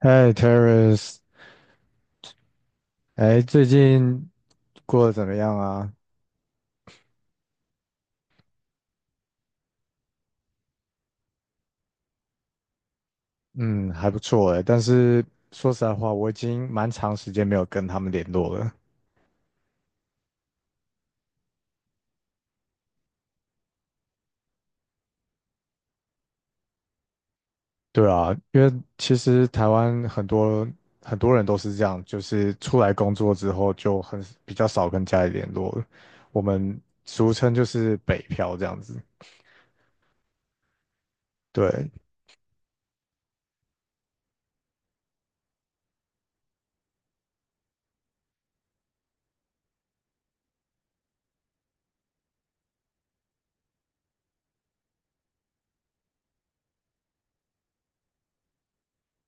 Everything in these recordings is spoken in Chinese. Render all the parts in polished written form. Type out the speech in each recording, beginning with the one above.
嗨，Terrace，哎，最近过得怎么样啊？嗯，还不错哎，但是说实在话，我已经蛮长时间没有跟他们联络了。对啊，因为其实台湾很多很多人都是这样，就是出来工作之后就很比较少跟家里联络了，我们俗称就是北漂这样子。对，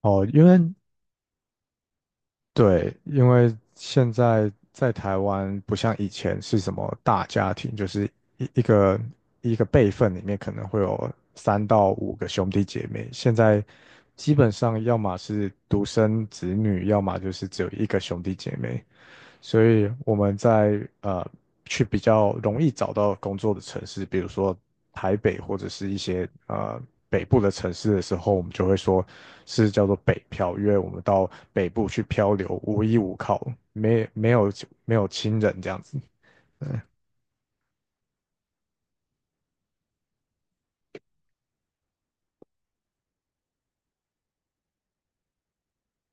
哦，因为对，因为现在在台湾不像以前是什么大家庭，就是一个一个辈分里面可能会有三到五个兄弟姐妹，现在基本上要么是独生子女，要么就是只有一个兄弟姐妹。所以我们在去比较容易找到工作的城市，比如说台北或者是一些北部的城市的时候，我们就会说是叫做北漂，因为我们到北部去漂流，无依无靠，没没有没有亲人这样子。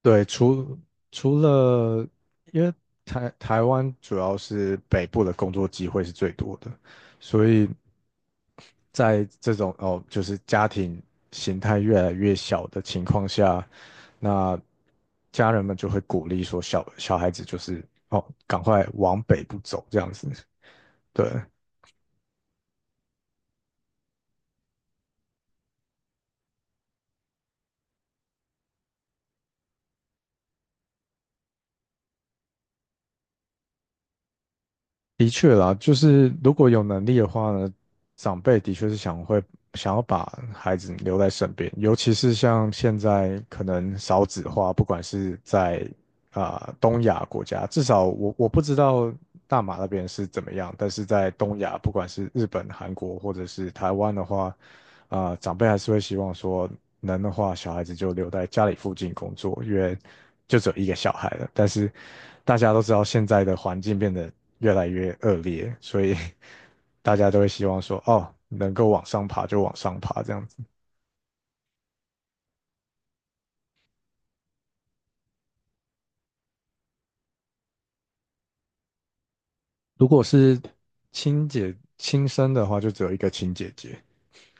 对，除除了因为台湾主要是北部的工作机会是最多的，所以在这种哦，就是家庭形态越来越小的情况下，那家人们就会鼓励说小孩子就是哦，赶快往北部走这样子。对，的确啦，就是如果有能力的话呢，长辈的确是想要把孩子留在身边，尤其是像现在可能少子化，不管是在东亚国家，至少我不知道大马那边是怎么样，但是在东亚，不管是日本、韩国或者是台湾的话，长辈还是会希望说能的话，小孩子就留在家里附近工作，因为就只有一个小孩了，但是。大家都知道现在的环境变得越来越恶劣，所以 大家都会希望说，哦，能够往上爬就往上爬这样子。如果是亲姐亲生的话，就只有一个亲姐姐。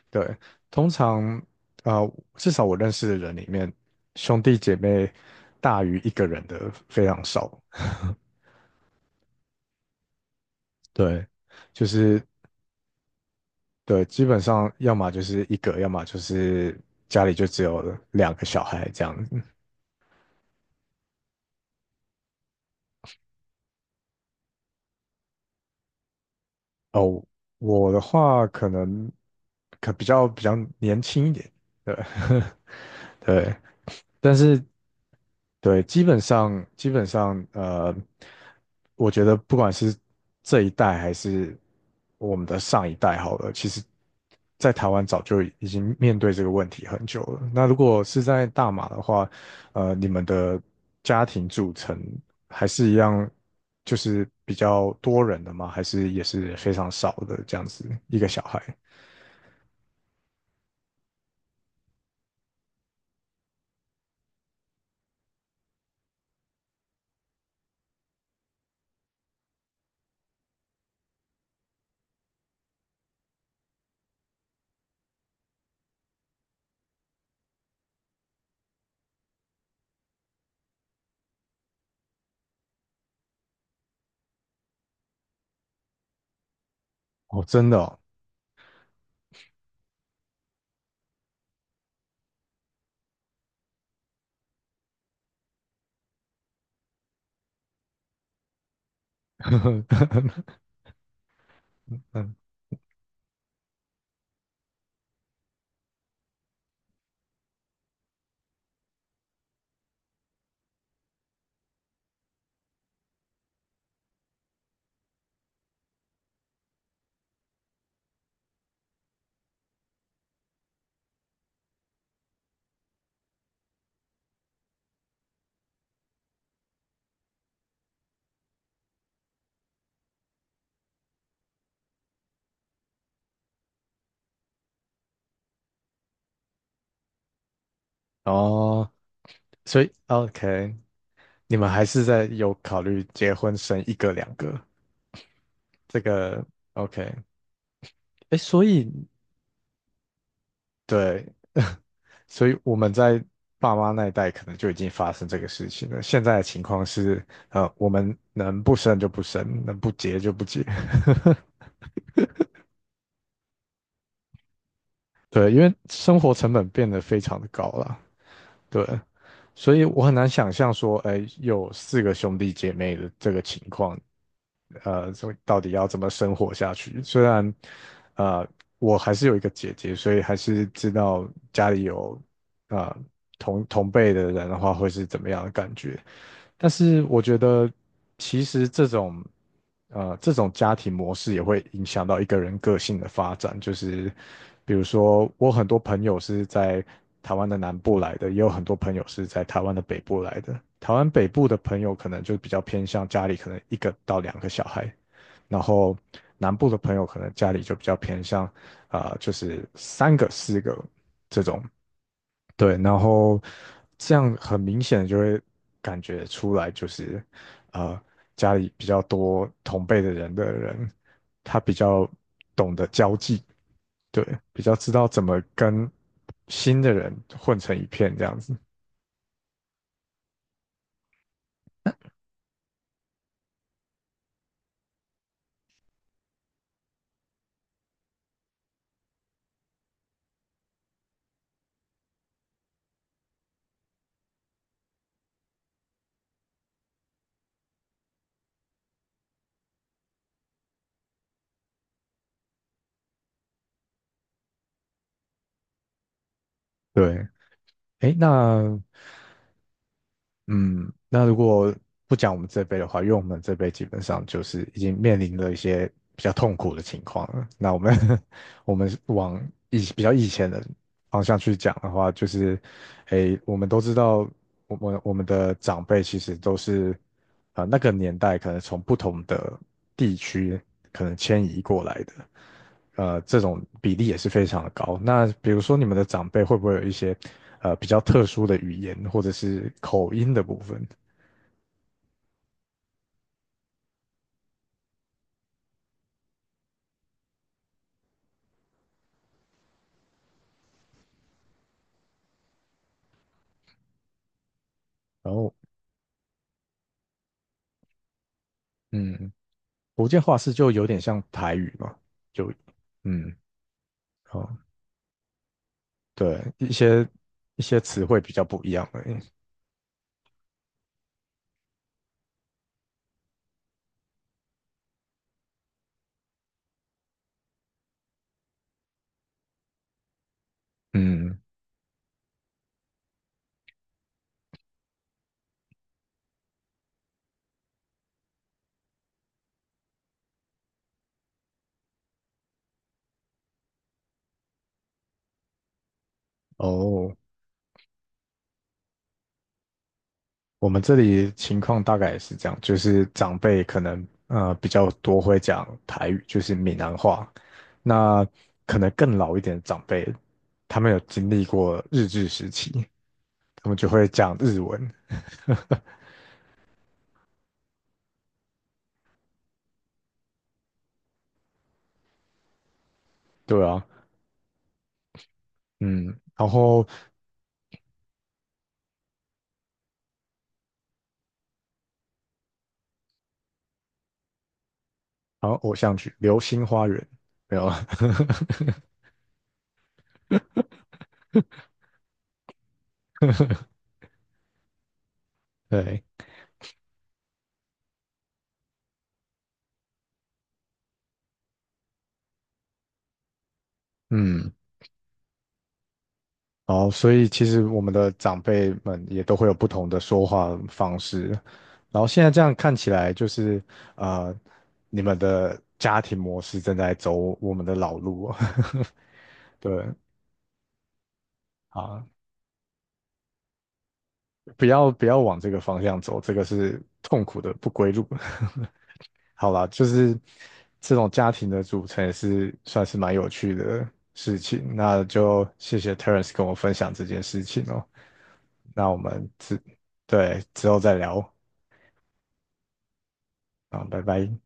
对，通常至少我认识的人里面，兄弟姐妹大于一个人的非常少。对，就是对，基本上要么就是一个，要么就是家里就只有两个小孩这样子。哦，我的话可能可比较比较年轻一点，对，对，但是对，基本上，我觉得不管是这一代还是我们的上一代好了，其实在台湾早就已经面对这个问题很久了。那如果是在大马的话，你们的家庭组成还是一样，就是比较多人的吗？还是也是非常少的这样子一个小孩？哦，真的哦，嗯，哦，所以 OK。你们还是在有考虑结婚生一个两个，这个 OK，哎，所以对，所以我们在爸妈那一代可能就已经发生这个事情了。现在的情况是，我们能不生就不生，能不结就不结。对，因为生活成本变得非常的高了，对，所以我很难想象说，哎，有四个兄弟姐妹的这个情况，所到底要怎么生活下去？虽然，呃，我还是有一个姐姐，所以还是知道家里有，啊同辈的人的话会是怎么样的感觉。但是我觉得其实这种这种家庭模式也会影响到一个人个性的发展，就是比如说我很多朋友是在台湾的南部来的，也有很多朋友是在台湾的北部来的。台湾北部的朋友可能就比较偏向家里可能一个到两个小孩，然后南部的朋友可能家里就比较偏向就是三个四个这种对，然后这样很明显的就会感觉出来，就是呃，家里比较多同辈的人的人，他比较懂得交际，对，比较知道怎么跟新的人混成一片这样子。对，诶，那嗯，那如果不讲我们这辈的话，因为我们这辈基本上就是已经面临了一些比较痛苦的情况了。那我们 我们往以比较以前的方向去讲的话，就是，诶，我们都知道，我们的长辈其实都是，那个年代可能从不同的地区可能迁移过来的。这种比例也是非常的高。那比如说你们的长辈会不会有一些比较特殊的语言或者是口音的部分？然后嗯，福建话是就有点像台语嘛，就嗯哦对，一些词汇比较不一样而已。嗯哦，我们这里情况大概也是这样，就是长辈可能比较多会讲台语，就是闽南话。那可能更老一点的长辈，他们有经历过日治时期，他们就会讲日文。对啊，嗯，然后然后偶像剧《流星花园》没有啊？对，嗯。然后所以其实我们的长辈们也都会有不同的说话方式。然后现在这样看起来，就是呃，你们的家庭模式正在走我们的老路哦。对，好。不要不要往这个方向走，这个是痛苦的不归路。好啦，就是这种家庭的组成也是算是蛮有趣的事情。那就谢谢 Terence 跟我分享这件事情哦。那我们之后再聊啊，拜拜。